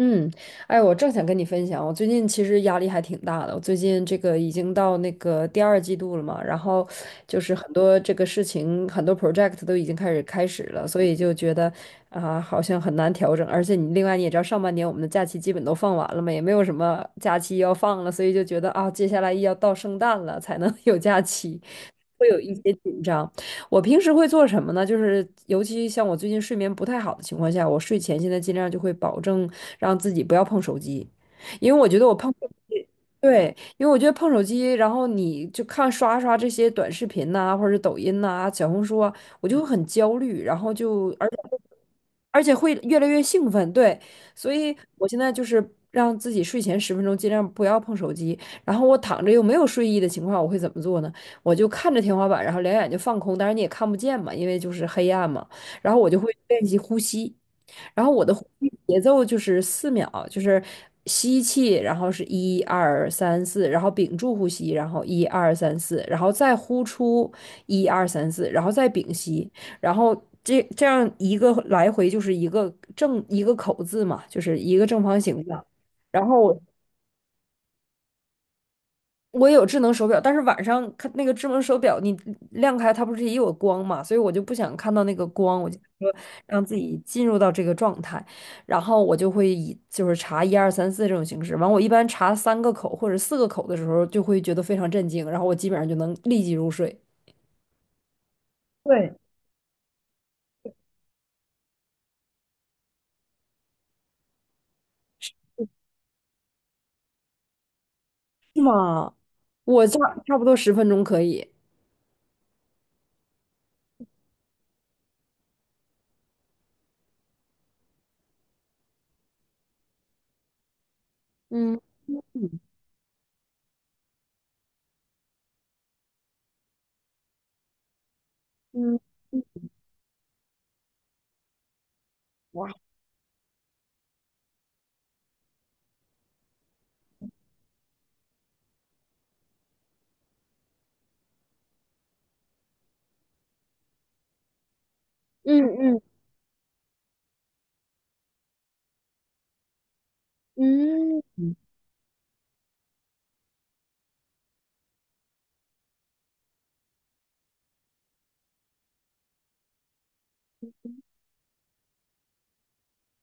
嗯，哎，我正想跟你分享，我最近其实压力还挺大的。我最近这个已经到那个第二季度了嘛，然后就是很多这个事情，很多 project 都已经开始了，所以就觉得啊、好像很难调整。而且你另外你也知道，上半年我们的假期基本都放完了嘛，也没有什么假期要放了，所以就觉得啊，接下来要到圣诞了才能 有假期，会有一些紧张。我平时会做什么呢？就是尤其像我最近睡眠不太好的情况下，我睡前现在尽量就会保证让自己不要碰手机，因为我觉得我碰手机对，因为我觉得碰手机，然后你就看刷刷这些短视频呐、或者是抖音呐、小红书啊，我就会很焦虑，然后就而且会越来越兴奋，对，所以我现在就是让自己睡前十分钟尽量不要碰手机，然后我躺着又没有睡意的情况，我会怎么做呢？我就看着天花板，然后两眼就放空，当然你也看不见嘛，因为就是黑暗嘛。然后我就会练习呼吸，然后我的呼吸节奏就是四秒，就是吸气，然后是一二三四，然后屏住呼吸，然后一二三四，然后再呼出一二三四，然后再屏息，然后这样一个来回就是一个正一个口字嘛，就是一个正方形的。然后我也有智能手表，但是晚上看那个智能手表，你亮开它不是也有光嘛，所以我就不想看到那个光，我就说让自己进入到这个状态，然后我就会以就是查一二三四这种形式，完我一般查三个口或者四个口的时候，就会觉得非常震惊，然后我基本上就能立即入睡。对，是吗？我差不多十分钟可以。嗯嗯嗯。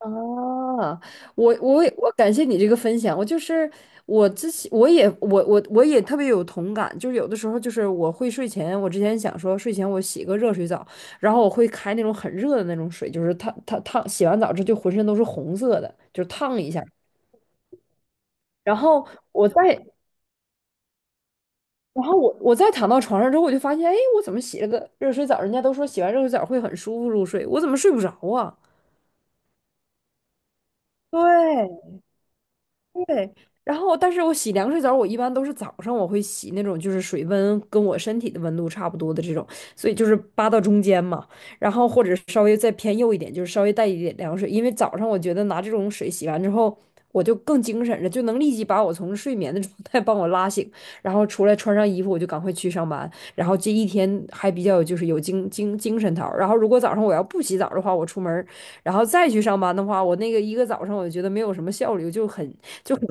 啊，我感谢你这个分享。我就是我之前我也特别有同感，就是有的时候就是我会睡前，我之前想说睡前我洗个热水澡，然后我会开那种很热的那种水，就是烫烫烫，洗完澡之后就浑身都是红色的，就是烫一下。然后我再我再躺到床上之后，我就发现，哎，我怎么洗了个热水澡？人家都说洗完热水澡会很舒服入睡，我怎么睡不着啊？对，对，然后但是我洗凉水澡，我一般都是早上我会洗那种就是水温跟我身体的温度差不多的这种，所以就是扒到中间嘛，然后或者稍微再偏右一点，就是稍微带一点凉水，因为早上我觉得拿这种水洗完之后，我就更精神了，就能立即把我从睡眠的状态帮我拉醒，然后出来穿上衣服我就赶快去上班，然后这一天还比较就是有精神头儿然后如果早上我要不洗澡的话，我出门儿然后再去上班的话，我那个一个早上我就觉得没有什么效率，就很就很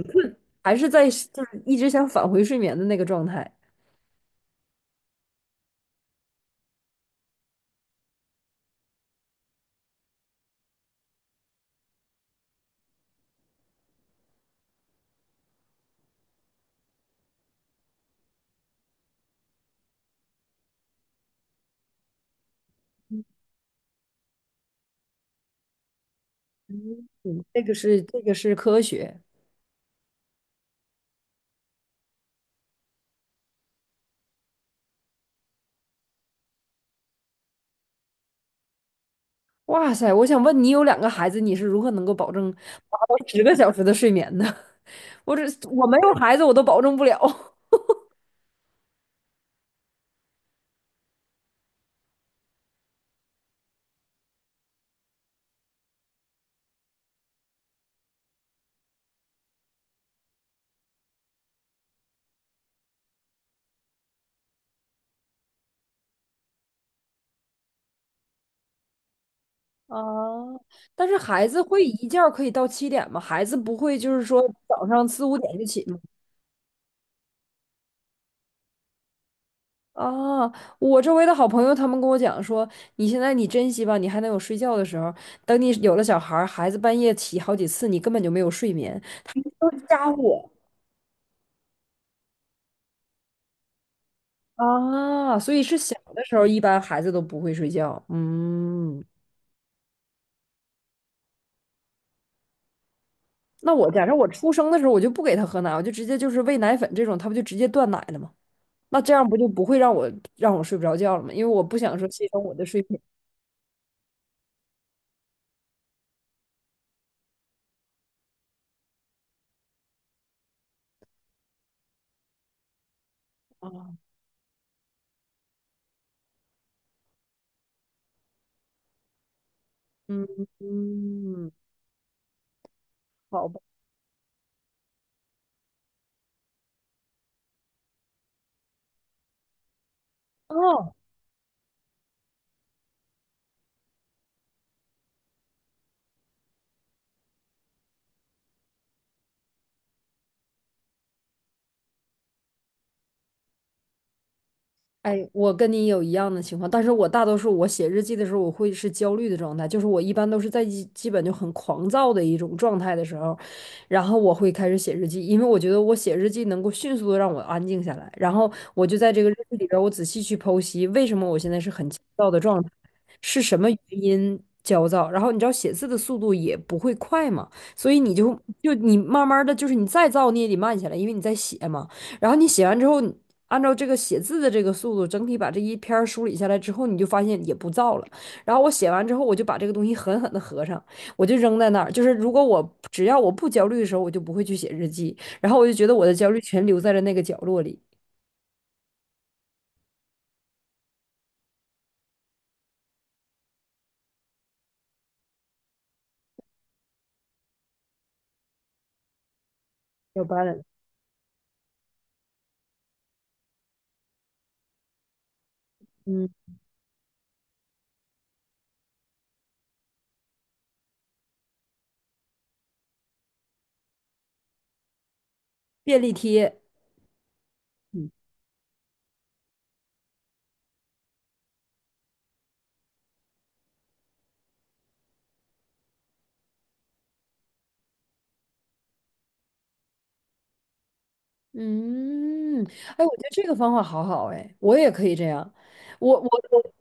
还是在就是一直想返回睡眠的那个状态。嗯，这个是这个是科学。哇塞，我想问你，有两个孩子，你是如何能够保证达到十个小时的睡眠的？我这我没有孩子，我都保证不了。啊，但是孩子会一觉儿可以到七点吗？孩子不会就是说早上四五点就起吗？啊，我周围的好朋友他们跟我讲说，你现在你珍惜吧，你还能有睡觉的时候。等你有了小孩儿孩子半夜起好几次，你根本就没有睡眠。都是家务。啊，所以是小的时候，一般孩子都不会睡觉。嗯，那我假设我出生的时候，我就不给他喝奶，我就直接就是喂奶粉这种，他不就直接断奶了吗？那这样不就不会让我让我睡不着觉了吗？因为我不想说牺牲我的睡眠啊。嗯嗯，好吧。哦，哎，我跟你有一样的情况，但是我大多数我写日记的时候，我会是焦虑的状态，就是我一般都是在基本就很狂躁的一种状态的时候，然后我会开始写日记，因为我觉得我写日记能够迅速的让我安静下来，然后我就在这个日记里边儿我仔细去剖析为什么我现在是很焦躁的状态，是什么原因焦躁，然后你知道写字的速度也不会快嘛，所以你就就你慢慢的就是你再躁你也得慢下来，因为你在写嘛。然后你写完之后，按照这个写字的这个速度，整体把这一篇梳理下来之后，你就发现也不燥了。然后我写完之后，我就把这个东西狠狠的合上，我就扔在那儿。就是如果我只要我不焦虑的时候，我就不会去写日记。然后我就觉得我的焦虑全留在了那个角落里。要 balance，嗯，便利贴，嗯，哎，我觉得这个方法好好哎，我也可以这样。我我我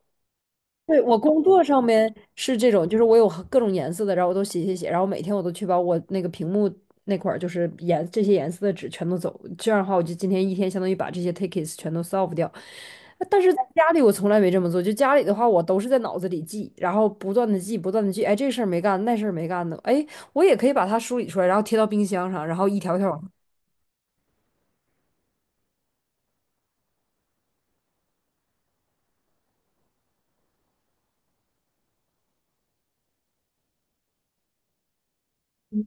对，我工作上面是这种，就是我有各种颜色的，然后我都写写写，然后每天我都去把我那个屏幕那块儿就是颜这些颜色的纸全都走，这样的话我就今天一天相当于把这些 tickets 全都 solve 掉。呃但是在家里我从来没这么做，就家里的话我都是在脑子里记，然后不断的记，不断的记，哎这事儿没干，那事儿没干的，哎我也可以把它梳理出来，然后贴到冰箱上，然后一条一条往上嗯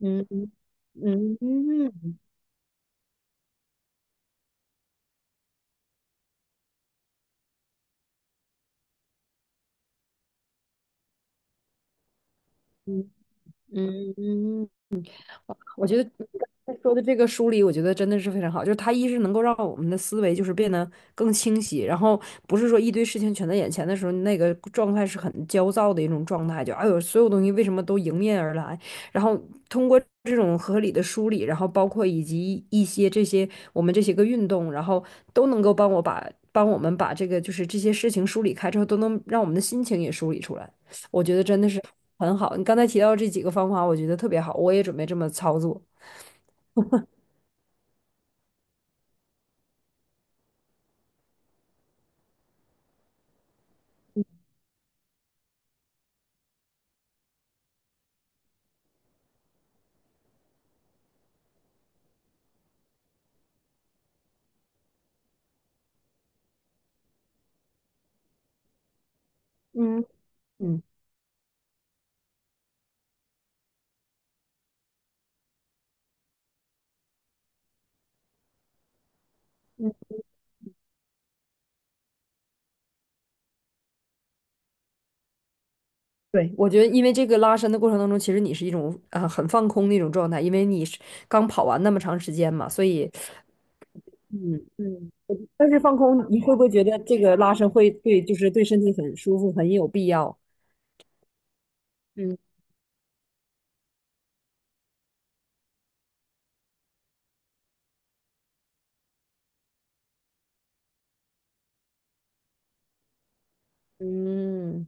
嗯嗯嗯嗯。我觉得你说的这个梳理，我觉得真的是非常好。就是它一是能够让我们的思维就是变得更清晰，然后不是说一堆事情全在眼前的时候，那个状态是很焦躁的一种状态，就哎呦，所有东西为什么都迎面而来？然后通过这种合理的梳理，然后包括以及一些这些我们这些个运动，然后都能够帮我们把这个就是这些事情梳理开之后，都能让我们的心情也梳理出来。我觉得真的是。很好。你刚才提到这几个方法，我觉得特别好，我也准备这么操作。嗯嗯嗯，对，我觉得因为这个拉伸的过程当中，其实你是一种啊、呃很放空的一种状态，因为你是刚跑完那么长时间嘛，所以嗯嗯。我但是放空，你会不会觉得这个拉伸会对，就是对身体很舒服，很有必要？嗯嗯。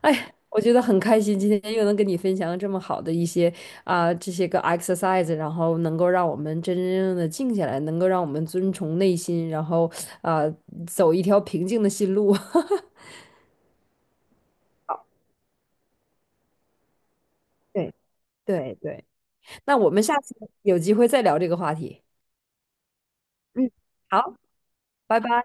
哎，我觉得很开心，今天又能跟你分享这么好的一些啊、这些个 exercise，然后能够让我们真真正正的静下来，能够让我们遵从内心，然后啊、走一条平静的心路。对对对，那我们下次有机会再聊这个话题。嗯，好，拜拜。